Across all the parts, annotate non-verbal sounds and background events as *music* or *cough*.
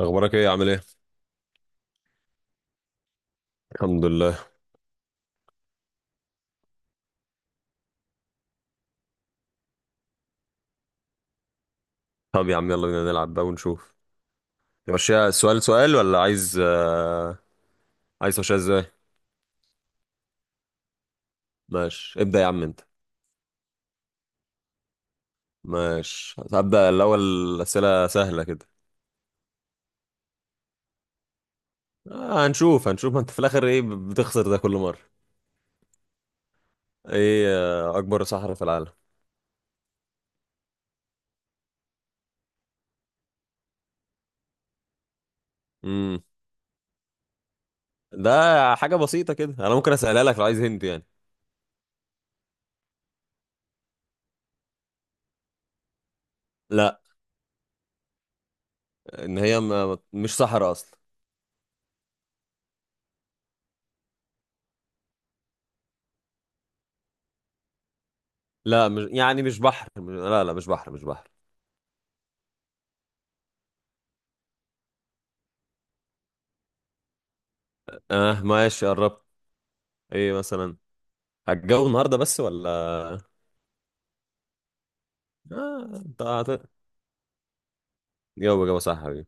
اخبارك ايه؟ عامل ايه؟ الحمد لله. طب يا عم، يلا بينا نلعب بقى ونشوف. نمشيها سؤال سؤال ولا عايز؟ عايز تمشيها ازاي؟ ماشي، ابدأ يا عم انت. ماشي هبدأ الاول. اسئلة سهلة كده. هنشوف هنشوف، ما انت في الاخر ايه بتخسر ده كل مرة. ايه؟ اكبر صحراء في العالم. امم ده حاجة بسيطة كده، انا ممكن اسألها لك لو عايز هنت يعني. لا. ان هي مش صحراء اصلا. لا مش يعني، مش بحر، لا لا مش بحر مش بحر. اه ماشي قربت. ايه مثلا؟ هتجو النهارده بس ولا؟ آه انت هت- جو جو صح يا حبيبي.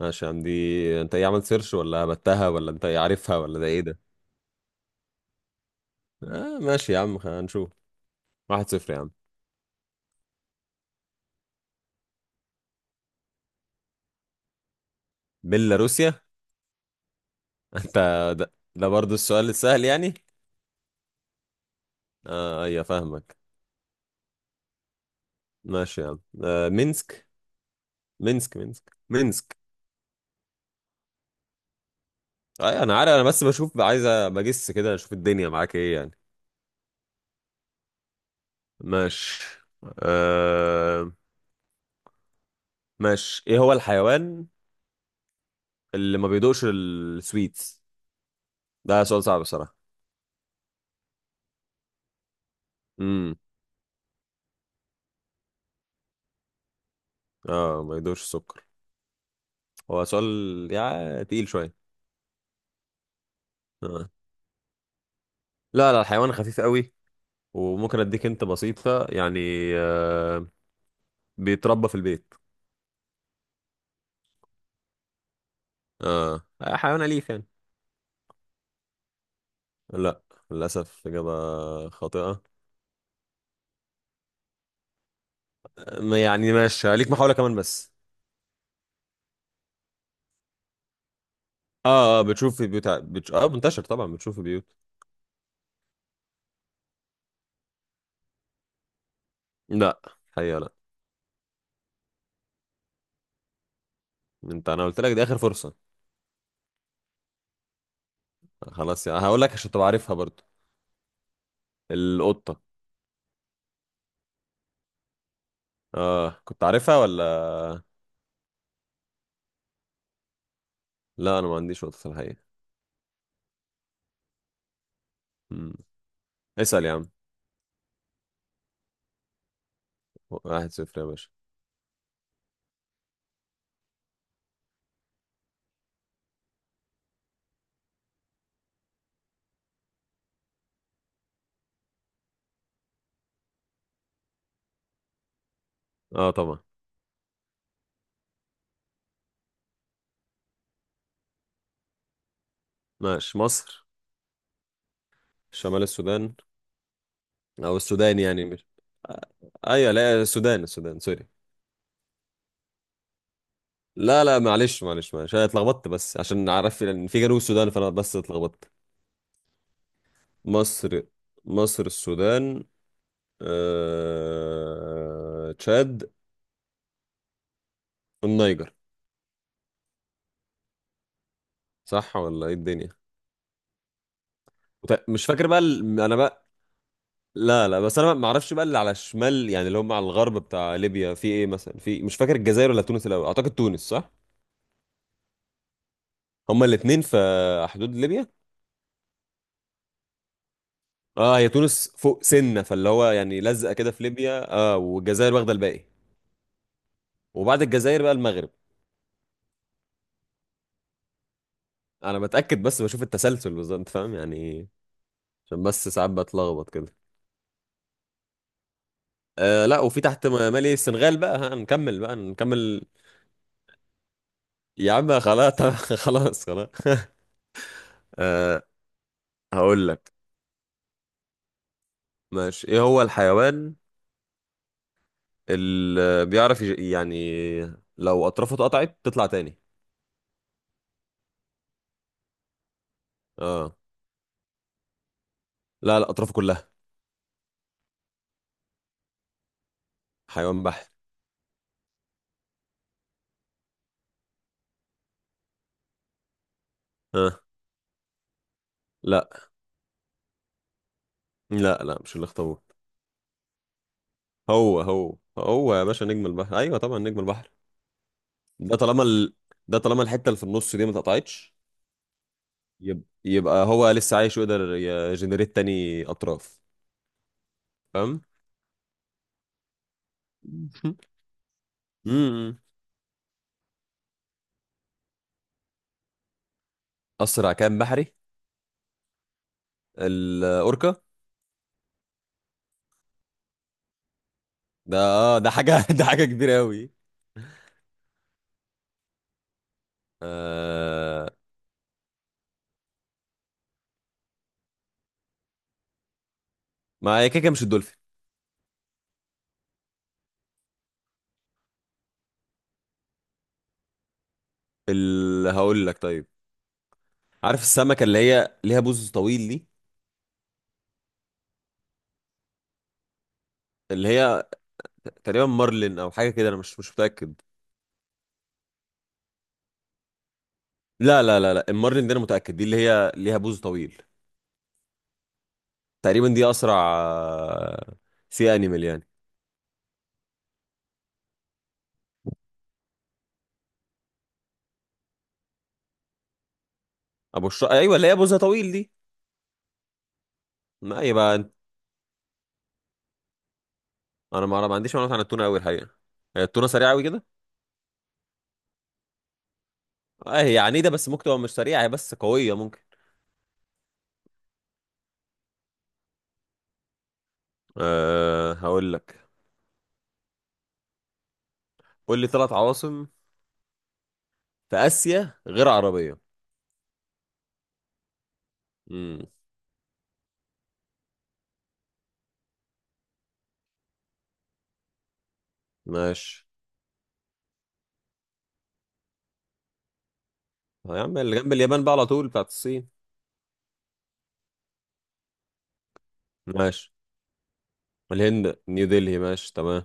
ماشي يا عم، دي انت ايه؟ عملت سيرش ولا هبتها ولا انت ايه عارفها ولا ده ايه ده؟ ماشي يا عم، هنشوف. 1-0 يا عم. بيلاروسيا. *laughs* انت، ده برضو السؤال السهل يعني؟ اه ايوه فاهمك. ماشي يا عم. مينسك. مينسك مينسك مينسك. ايوه انا عارف، انا بس بشوف، عايز بجس كده اشوف الدنيا معاك ايه يعني. ماشي. آه ماشي، ايه هو الحيوان اللي ما بيدوقش السويتس؟ ده سؤال صعب بصراحة. امم اه، ما يدوقش السكر. هو سؤال يعني تقيل شوية. آه. لا لا، الحيوان خفيف قوي، وممكن اديك انت بسيطة يعني. آه بيتربى في البيت. اه، حيوان أليف يعني. لا، للأسف إجابة خاطئة. يعني ماشي، ليك محاولة كمان بس. اه اه، بتشوف في بيوت، منتشر طبعا، بتشوف في بيوت. لا، حقيقة لا. انت انا قلت لك دي اخر فرصة. خلاص يعني، هقول لك عشان تبقى عارفها برضو. القطة. اه، كنت عارفها ولا؟ لا، انا ما عنديش نقطة في الحقيقة. مم. اسأل يا عم. 1-0 يا باشا. اه طبعا. ماشي، مصر، شمال السودان، او السودان يعني، مش... آه، ايوه لا، السودان السودان، سوري. لا لا، معلش معلش معلش، انا اتلخبطت بس عشان عارف ان في جنوب السودان، فانا بس اتلخبطت. مصر، مصر السودان، تشاد، النيجر. صح ولا ايه الدنيا؟ مش فاكر بقى انا بقى. لا لا، بس انا ما اعرفش بقى اللي على الشمال، يعني اللي هم على الغرب بتاع ليبيا في ايه مثلا. في... مش فاكر الجزائر ولا تونس الاول، اعتقد تونس صح. هما الاثنين في حدود ليبيا. اه هي تونس فوق سنه، فاللي هو يعني لزقه كده في ليبيا، اه، والجزائر واخده الباقي. وبعد الجزائر بقى المغرب. انا بتاكد بس بشوف التسلسل بالظبط، انت فاهم يعني. عشان بس ساعات بتلخبط كده. لا، وفي تحت مالي، السنغال بقى. ها نكمل بقى نكمل. يا عم خلاص *laughs* خلاص خلاص *laughs* آه هقول لك. ماشي، ايه هو الحيوان اللي بيعرف يعني لو اطرافه اتقطعت تطلع تاني؟ اه، لا لا، اطرافه كلها. حيوان بحر. اه، لا لا لا، مش الاخطبوط. هو هو هو يا باشا، نجم البحر، ايوه طبعا نجم البحر. ده طالما ال... ده طالما الحته اللي في النص دي ما اتقطعتش. يبقى هو لسه عايش ويقدر يجنريت تاني اطراف. فاهم؟ *laughs* امم. اسرع كائن بحري. الاوركا. ده حاجه *laughs* ده حاجه كبيره قوي. آه... ما هي كده كده، مش الدولفين؟ اللي هقول لك طيب، عارف السمكة اللي هي ليها بوز طويل دي؟ اللي هي تقريبا مارلين او حاجة كده، انا مش متأكد. لا لا لا لا، المارلين دي انا متأكد، دي اللي هي ليها بوز طويل، تقريبا دي اسرع. آه، سي انيمال يعني. ابو الشر، ايوه اللي هي بوزها طويل دي. ما يبقى انت- انا ما عنديش معلومات عن التونة قوي الحقيقة. هي التونة سريعة قوي كده؟ اه هي عنيدة، بس ممكن تبقى مش سريعة، هي بس قوية ممكن. هقول لك. قول لي ثلاث عواصم في اسيا غير عربية. امم. ماشي. يا عم اللي جنب اليابان بقى على طول بتاعت الصين. ماشي، الهند نيو دلهي، ماشي تمام.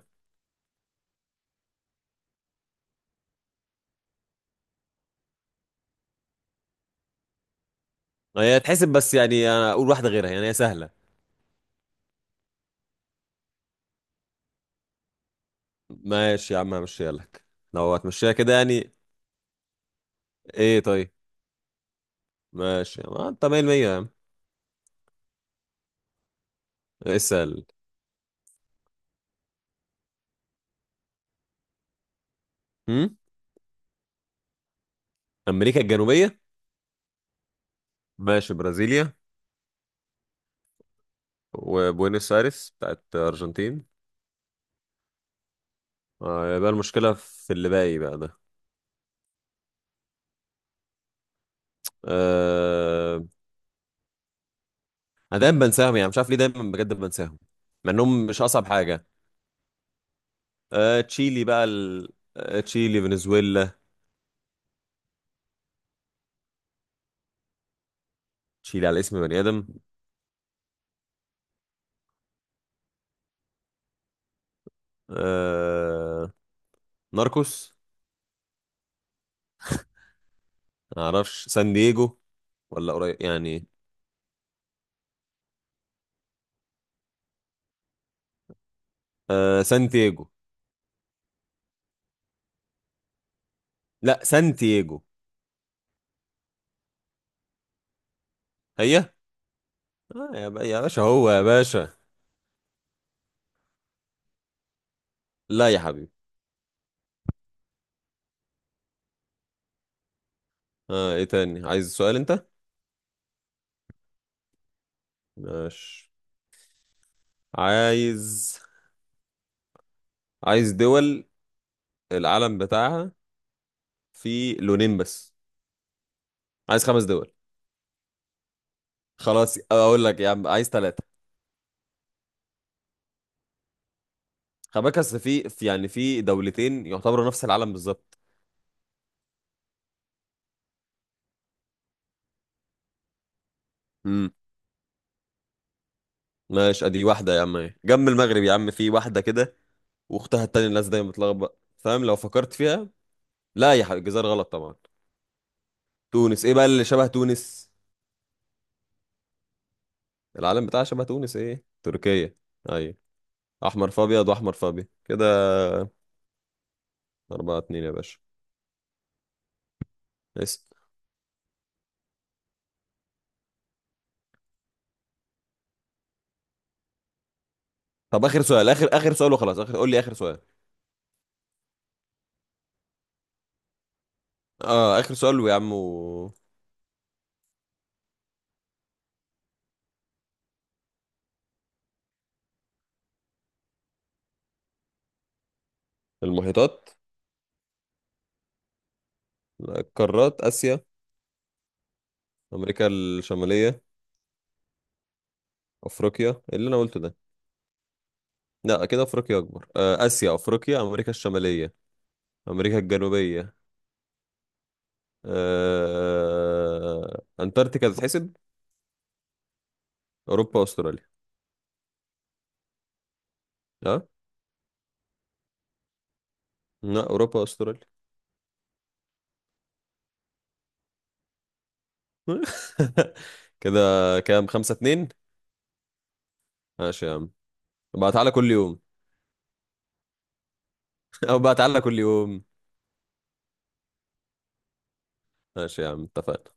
هي تحسب بس يعني، انا اقول واحدة غيرها، يعني هي سهلة. ماشي يا عم همشيها لك، لو هتمشيها كده يعني. ايه طيب. ماشي، ما انت 100% يا عم. اسأل. هم. امريكا الجنوبية. ماشي، برازيليا، وبوينس ايرس بتاعت ارجنتين. يبقى المشكلة في اللي باقي بقى ده. آه... انا دايما بنساهم، يعني مش عارف ليه دايما بجد بنساهم، مع انهم مش اصعب حاجة. تشيلي بقى تشيلي، فنزويلا. تشيلي على اسم بني آدم. آه ناركوس. ما اعرفش، سان دييجو؟ ولا قريب يعني. سانتياجو. لا، سانتياجو. هي. يا باشا، هو يا باشا. لا يا حبيبي. ايه تاني؟ عايز سؤال انت؟ ماشي. عايز عايز دول العلم بتاعها في لونين بس. عايز خمس دول. خلاص اقول لك يا عم، عايز ثلاثة. خلي بالك اصل يعني في دولتين يعتبروا نفس العالم بالظبط. امم. ماشي، ادي واحده يا عم اهي. جنب المغرب يا عم في واحده كده، واختها التانية الناس دايما بتلخبط، فاهم لو فكرت فيها. لا يا حبيبي، الجزائر غلط طبعا. تونس، ايه بقى اللي شبه تونس؟ العالم بتاعها شبه تونس. ايه؟ تركيا. ايوه. احمر في ابيض، واحمر في ابيض كده. 4-2 يا باشا. اسأل. طب اخر سؤال، اخر اخر سؤال وخلاص، اخر، قول لي اخر سؤال. اه، اخر سؤال ويا عم المحيطات، القارات. اسيا، امريكا الشماليه، افريقيا. إيه اللي انا قلته ده؟ لا كده، افريقيا اكبر، اسيا، افريقيا، امريكا الشماليه، امريكا الجنوبيه. انتاركتيكا تتحسب؟ اوروبا، استراليا. ها؟ لا، اوروبا استراليا. *laughs* كده. كام؟ 5-2. ماشي يا عم. بقى تعالى كل يوم. *laughs* او بقى تعالى كل يوم. ماشي يا عم اتفقنا.